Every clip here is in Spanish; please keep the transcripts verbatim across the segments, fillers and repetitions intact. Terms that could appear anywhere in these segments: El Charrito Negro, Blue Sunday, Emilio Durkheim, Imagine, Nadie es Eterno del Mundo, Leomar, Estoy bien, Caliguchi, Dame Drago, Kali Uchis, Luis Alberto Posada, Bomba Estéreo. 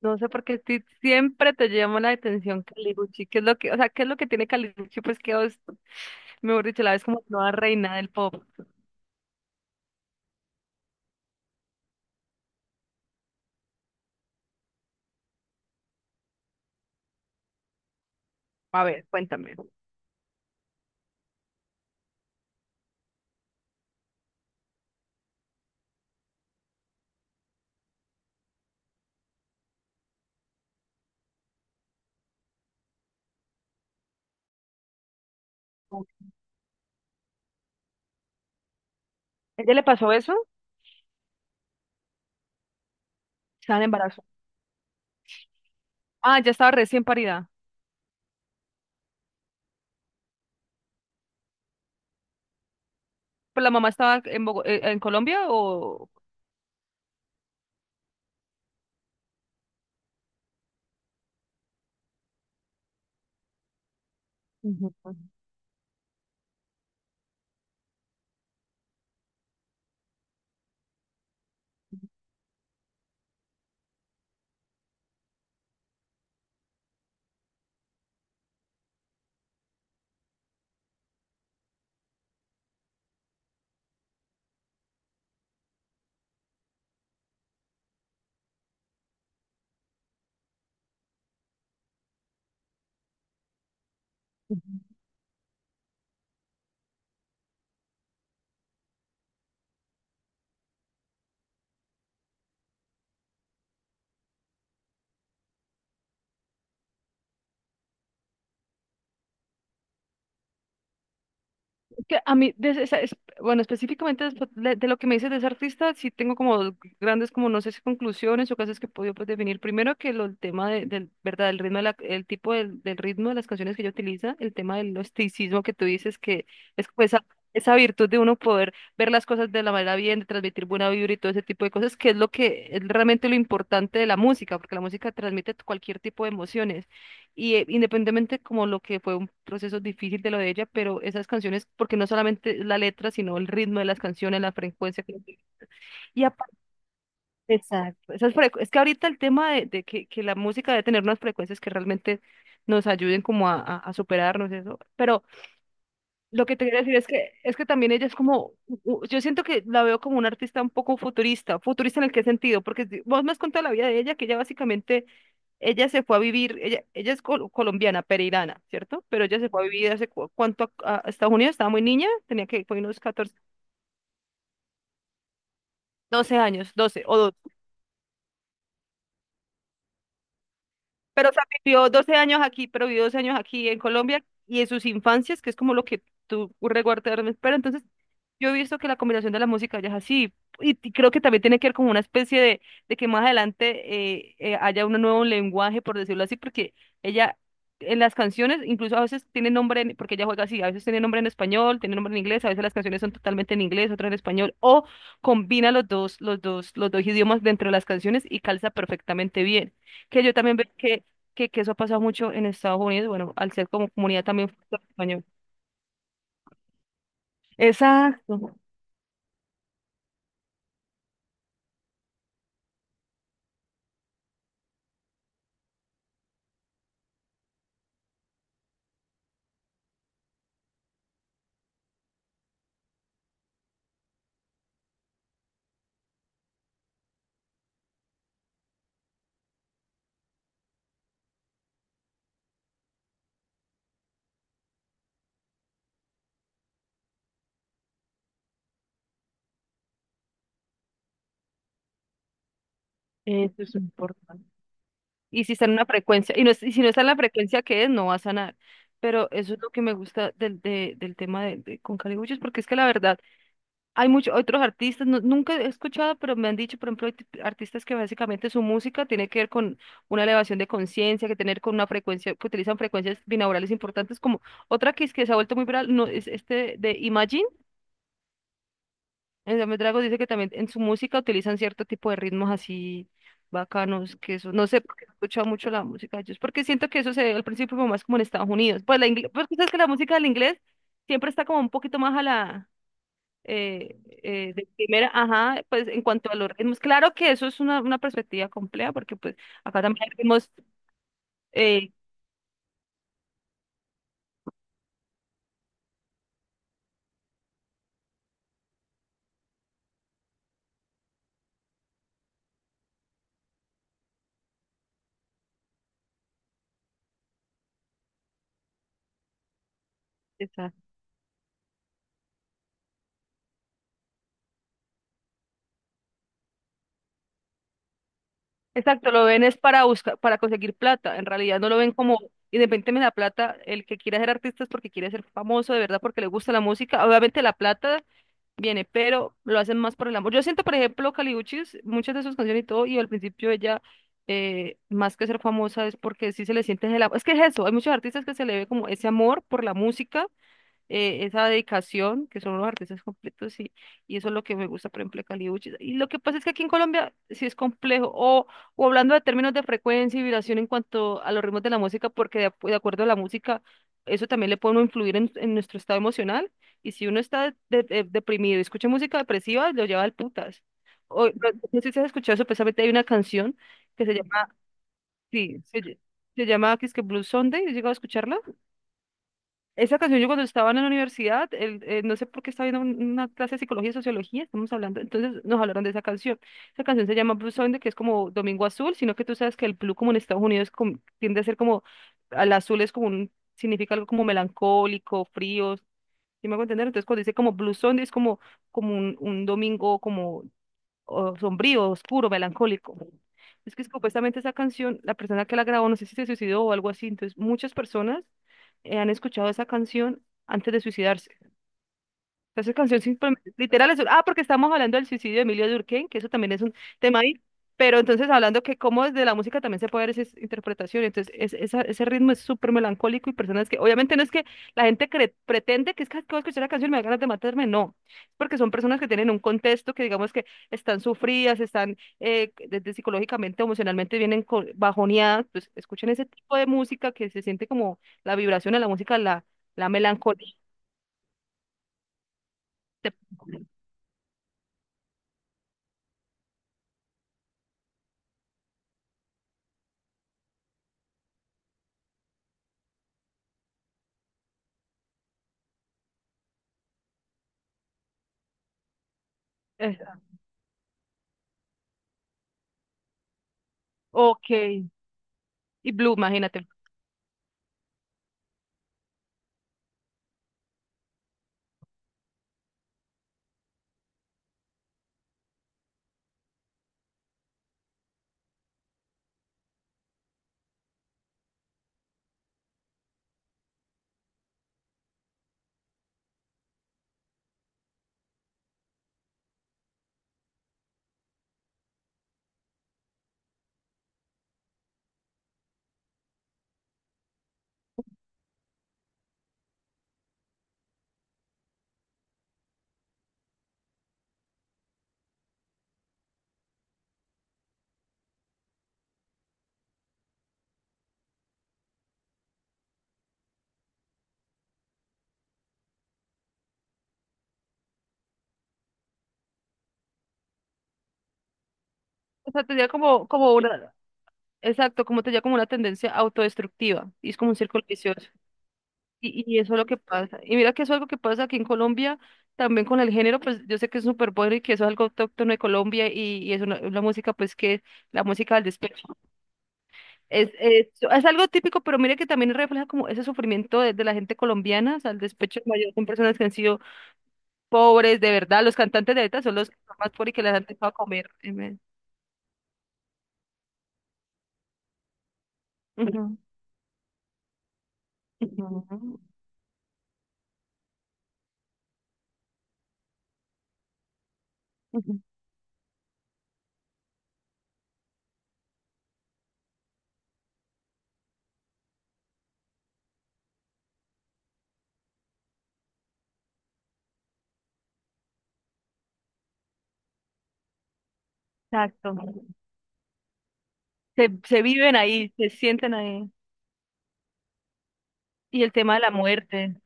No sé por qué sí- siempre te llama la atención Caliguchi. ¿Qué es lo que, o sea, qué es lo que tiene Caliguchi? Pues que, os- mejor dicho, la ves como nueva reina del pop. A ver, cuéntame. ¿Ella le pasó eso? Estaba en embarazo. Ah, ya estaba recién parida. ¿Pero la mamá estaba en, Bogo- eh, en Colombia o...? Ujú. Que a mí, de esa- es- Bueno, específicamente después de, de lo que me dices de ese artista, sí tengo como dos grandes, como no sé si conclusiones o cosas que he podido, pues, definir. Primero que lo, el tema de- del, ¿verdad? El ritmo, de la- el tipo del, del ritmo de las canciones que ella utiliza, el tema del misticismo que tú dices, que es como esa, esa virtud de uno poder ver las cosas de la manera bien, de transmitir buena vibra y todo ese tipo de cosas, que es lo que es realmente lo importante de la música, porque la música transmite cualquier tipo de emociones. Y eh, independientemente como lo que fue un proceso difícil de lo de ella, pero esas canciones, porque no solamente es la letra, sino el ritmo de las canciones, la frecuencia que y aparte, exacto, esas frecu- es que ahorita el tema de, de que, que la música debe tener unas frecuencias que realmente nos ayuden como a, a, a superarnos eso, pero lo que te quiero decir es que, es que también ella es como, u- u- yo siento que la veo como una artista un poco futurista, futurista en el qué sentido, porque si- vos me has contado la vida de ella, que ella básicamente ella se fue a vivir, ella, ella es col- colombiana, pereirana, ¿cierto? Pero ella se fue a vivir hace cu- cuánto a, a Estados Unidos, estaba muy niña, tenía que, fue unos catorce doce años, doce o doce. Pero, o sea, vivió doce años aquí, pero vivió doce años aquí en Colombia y en sus infancias, que es como lo que tú recuerdas. Pero entonces, yo he visto que la combinación de la música ya es así. Y, y creo que también tiene que ver como una especie de, de que más adelante eh, eh, haya un nuevo lenguaje, por decirlo así, porque ella en las canciones, incluso a veces tiene nombre, en- porque ella juega así, a veces tiene nombre en español, tiene nombre en inglés, a veces las canciones son totalmente en inglés, otras en español, o combina los dos, los dos, los dos idiomas dentro de las canciones y calza perfectamente bien que yo también veo que que, que eso ha pasado mucho en Estados Unidos, bueno, al ser como comunidad también español. Exacto, eso es importante. Y si está en una frecuencia, y, no, es- y si no está en la frecuencia que es, no va a sanar. Pero eso es lo que me gusta del, de- del tema de, de- con Caliguchos, porque es que la verdad, hay muchos otros artistas, no- nunca he escuchado, pero me han dicho, por ejemplo, hay tip- artistas que básicamente su música tiene que ver con una elevación de conciencia, que tener con una frecuencia, que utilizan frecuencias binaurales importantes, como otra que, es que se ha vuelto muy viral, no, es este de Imagine. En Dame Drago dice que también en su música utilizan cierto tipo de ritmos así bacanos, que eso, no sé, porque he escuchado mucho la música de ellos, porque siento que eso se ve al principio como más como en Estados Unidos. Pues la ingle- porque sabes que la música del inglés siempre está como un poquito más a la eh, eh, de primera, ajá, pues en cuanto a los ritmos. Claro que eso es una, una perspectiva compleja, porque pues acá también hay ritmos, eh, Exacto, lo ven es para buscar, para conseguir plata. En realidad no lo ven como, independientemente de la plata, el que quiere ser artista es porque quiere ser famoso, de verdad, porque le gusta la música. Obviamente la plata viene, pero lo hacen más por el amor. Yo siento, por ejemplo, Kali Uchis, muchas de sus canciones y todo, y al principio ella, eh, más que ser famosa, es porque sí se le siente el amor. Es que es eso, hay muchos artistas que se le ve como ese amor por la música, eh, esa dedicación, que son los artistas completos, y, y eso es lo que me gusta, por ejemplo, de Kali. Y lo que pasa es que aquí en Colombia sí es complejo, o, o hablando de términos de frecuencia y vibración en cuanto a los ritmos de la música, porque de, acu- de acuerdo a la música, eso también le puede uno influir en, en nuestro estado emocional, y si uno está de- de- deprimido y escucha música depresiva, lo lleva al putas. O, no, no sé si has escuchado eso, precisamente hay una canción que se llama, sí, se, ll- se llama que es que Blue Sunday, ¿has llegado a escucharla? Esa canción, yo cuando estaba en la universidad, el- eh, no sé por qué estaba viendo un- una clase de psicología y sociología, estamos hablando, entonces nos hablaron de esa canción. Esa canción se llama Blue Sunday, que es como Domingo Azul, sino que tú sabes que el blue como en Estados Unidos com- tiende a ser como, al azul es como un, significa algo como melancólico, frío, ¿sí me hago entender? Entonces cuando dice como Blue Sunday es como, como un, un domingo como o sombrío, oscuro, melancólico. Es que supuestamente esa canción, la persona que la grabó, no sé si se suicidó o algo así, entonces muchas personas, eh, han escuchado esa canción antes de suicidarse, sea, esa canción simplemente, literal, es, un- ah, porque estamos hablando del suicidio de Emilio Durkheim, que eso también es un tema ahí, pero entonces hablando que cómo desde la música también se puede ver esa interpretación, entonces es- esa- ese ritmo es súper melancólico y personas que, obviamente no es que la gente cre- pretende que es que acabo de escuchar la canción y me da ganas de matarme, no, es porque son personas que tienen un contexto que digamos que están sufridas, están eh, desde psicológicamente, emocionalmente vienen co- bajoneadas, pues escuchen ese tipo de música que se siente como la vibración de la música, la, la melancolía. te- Ok, y Blue, imagínate. O sea, tenía como, como una, exacto, como tenía como una tendencia autodestructiva, y es como un círculo vicioso. Y, y eso es lo que pasa. Y mira que eso es algo que pasa aquí en Colombia, también con el género, pues yo sé que es súper bueno y que eso es algo autóctono de Colombia y, y es una, una música, pues que la música del despecho. Es, es, es algo típico, pero mira que también refleja como ese sufrimiento de, de la gente colombiana, o sea, el despecho mayor son personas que han sido pobres, de verdad, los cantantes de ahorita son los que son más pobres y que les han dejado comer. Ujú. Ujú, ujú, exacto. Se, se viven ahí, se sienten ahí. Y el tema de la muerte.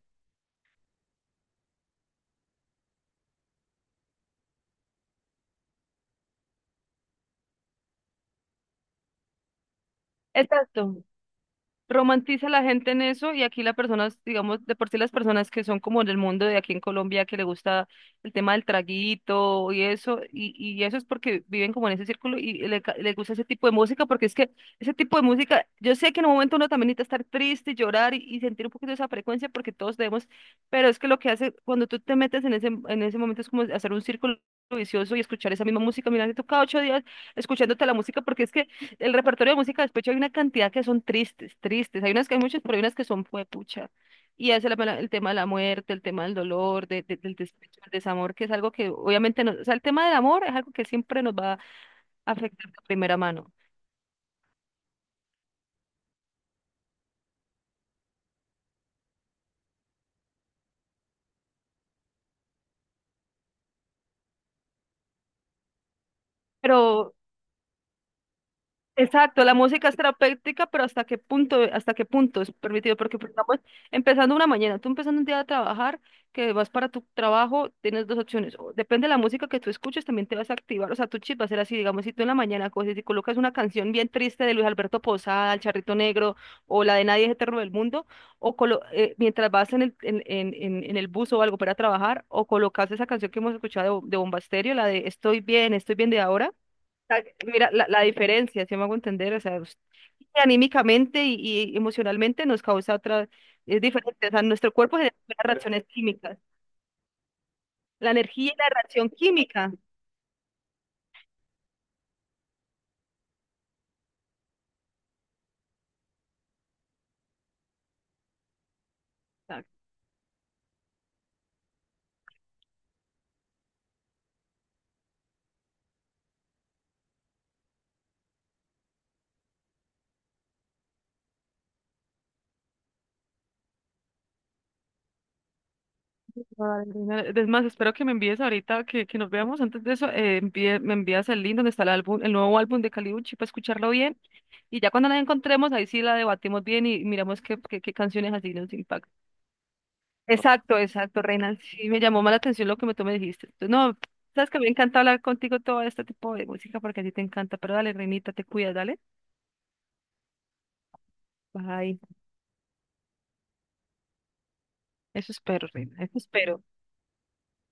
Exacto. Romantiza la gente en eso y aquí las personas, digamos, de por sí las personas que son como del mundo de aquí en Colombia, que le gusta el tema del traguito y eso, y, y eso es porque viven como en ese círculo y le, ca- le gusta ese tipo de música, porque es que ese tipo de música, yo sé que en un momento uno también necesita estar triste, llorar y, y sentir un poquito esa frecuencia porque todos debemos, pero es que lo que hace cuando tú te metes en ese, en ese momento es como hacer un círculo vicioso y escuchar esa misma música, mira, te toca ocho días escuchándote la música porque es que el repertorio de música de despecho hay una cantidad que son tristes, tristes. Hay unas que hay muchas, pero hay unas que son pucha. Y hace la- el tema de la muerte, el tema del dolor, de- de- del despecho, del desamor, que es algo que obviamente nos, o sea, el tema del amor es algo que siempre nos va a afectar de primera mano. Pero exacto, la música es terapéutica, pero hasta qué punto, hasta qué punto es permitido, porque por ejemplo, empezando una mañana, tú empezando un día a trabajar, que vas para tu trabajo, tienes dos opciones, o depende de la música que tú escuches, también te vas a activar, o sea, tu chip va a ser así, digamos, si tú en la mañana coges y colocas una canción bien triste de Luis Alberto Posada, El Charrito Negro, o la de Nadie es Eterno del Mundo, o colo- eh, mientras vas en el, en, en, en- en el bus o algo para trabajar, o colocas esa canción que hemos escuchado de, Bo- de Bomba Estéreo, la de Estoy bien, estoy bien de ahora, sea, mira, la, la diferencia, si me hago entender, o sea, us- anímicamente y, y emocionalmente nos causa otra, es diferente, o sea, nuestro cuerpo genera reacciones químicas, la energía y la reacción química. Exacto. Ay, Lina, es más, espero que me envíes ahorita, que, que nos veamos antes de eso, eh, envíe- me envías el link donde está el álbum, el nuevo álbum de Kali Uchi para escucharlo bien. Y ya cuando la encontremos, ahí sí la debatimos bien y miramos qué, qué, qué canciones así nos impactan. Exacto, exacto, Reina. Sí, me llamó más la atención lo que me- tú me dijiste. Tú- No, sabes que me encanta hablar contigo todo este tipo de música porque a ti te encanta. Pero dale, Reinita, te cuidas, dale. Bye. Eso espero, Reina. Eso espero.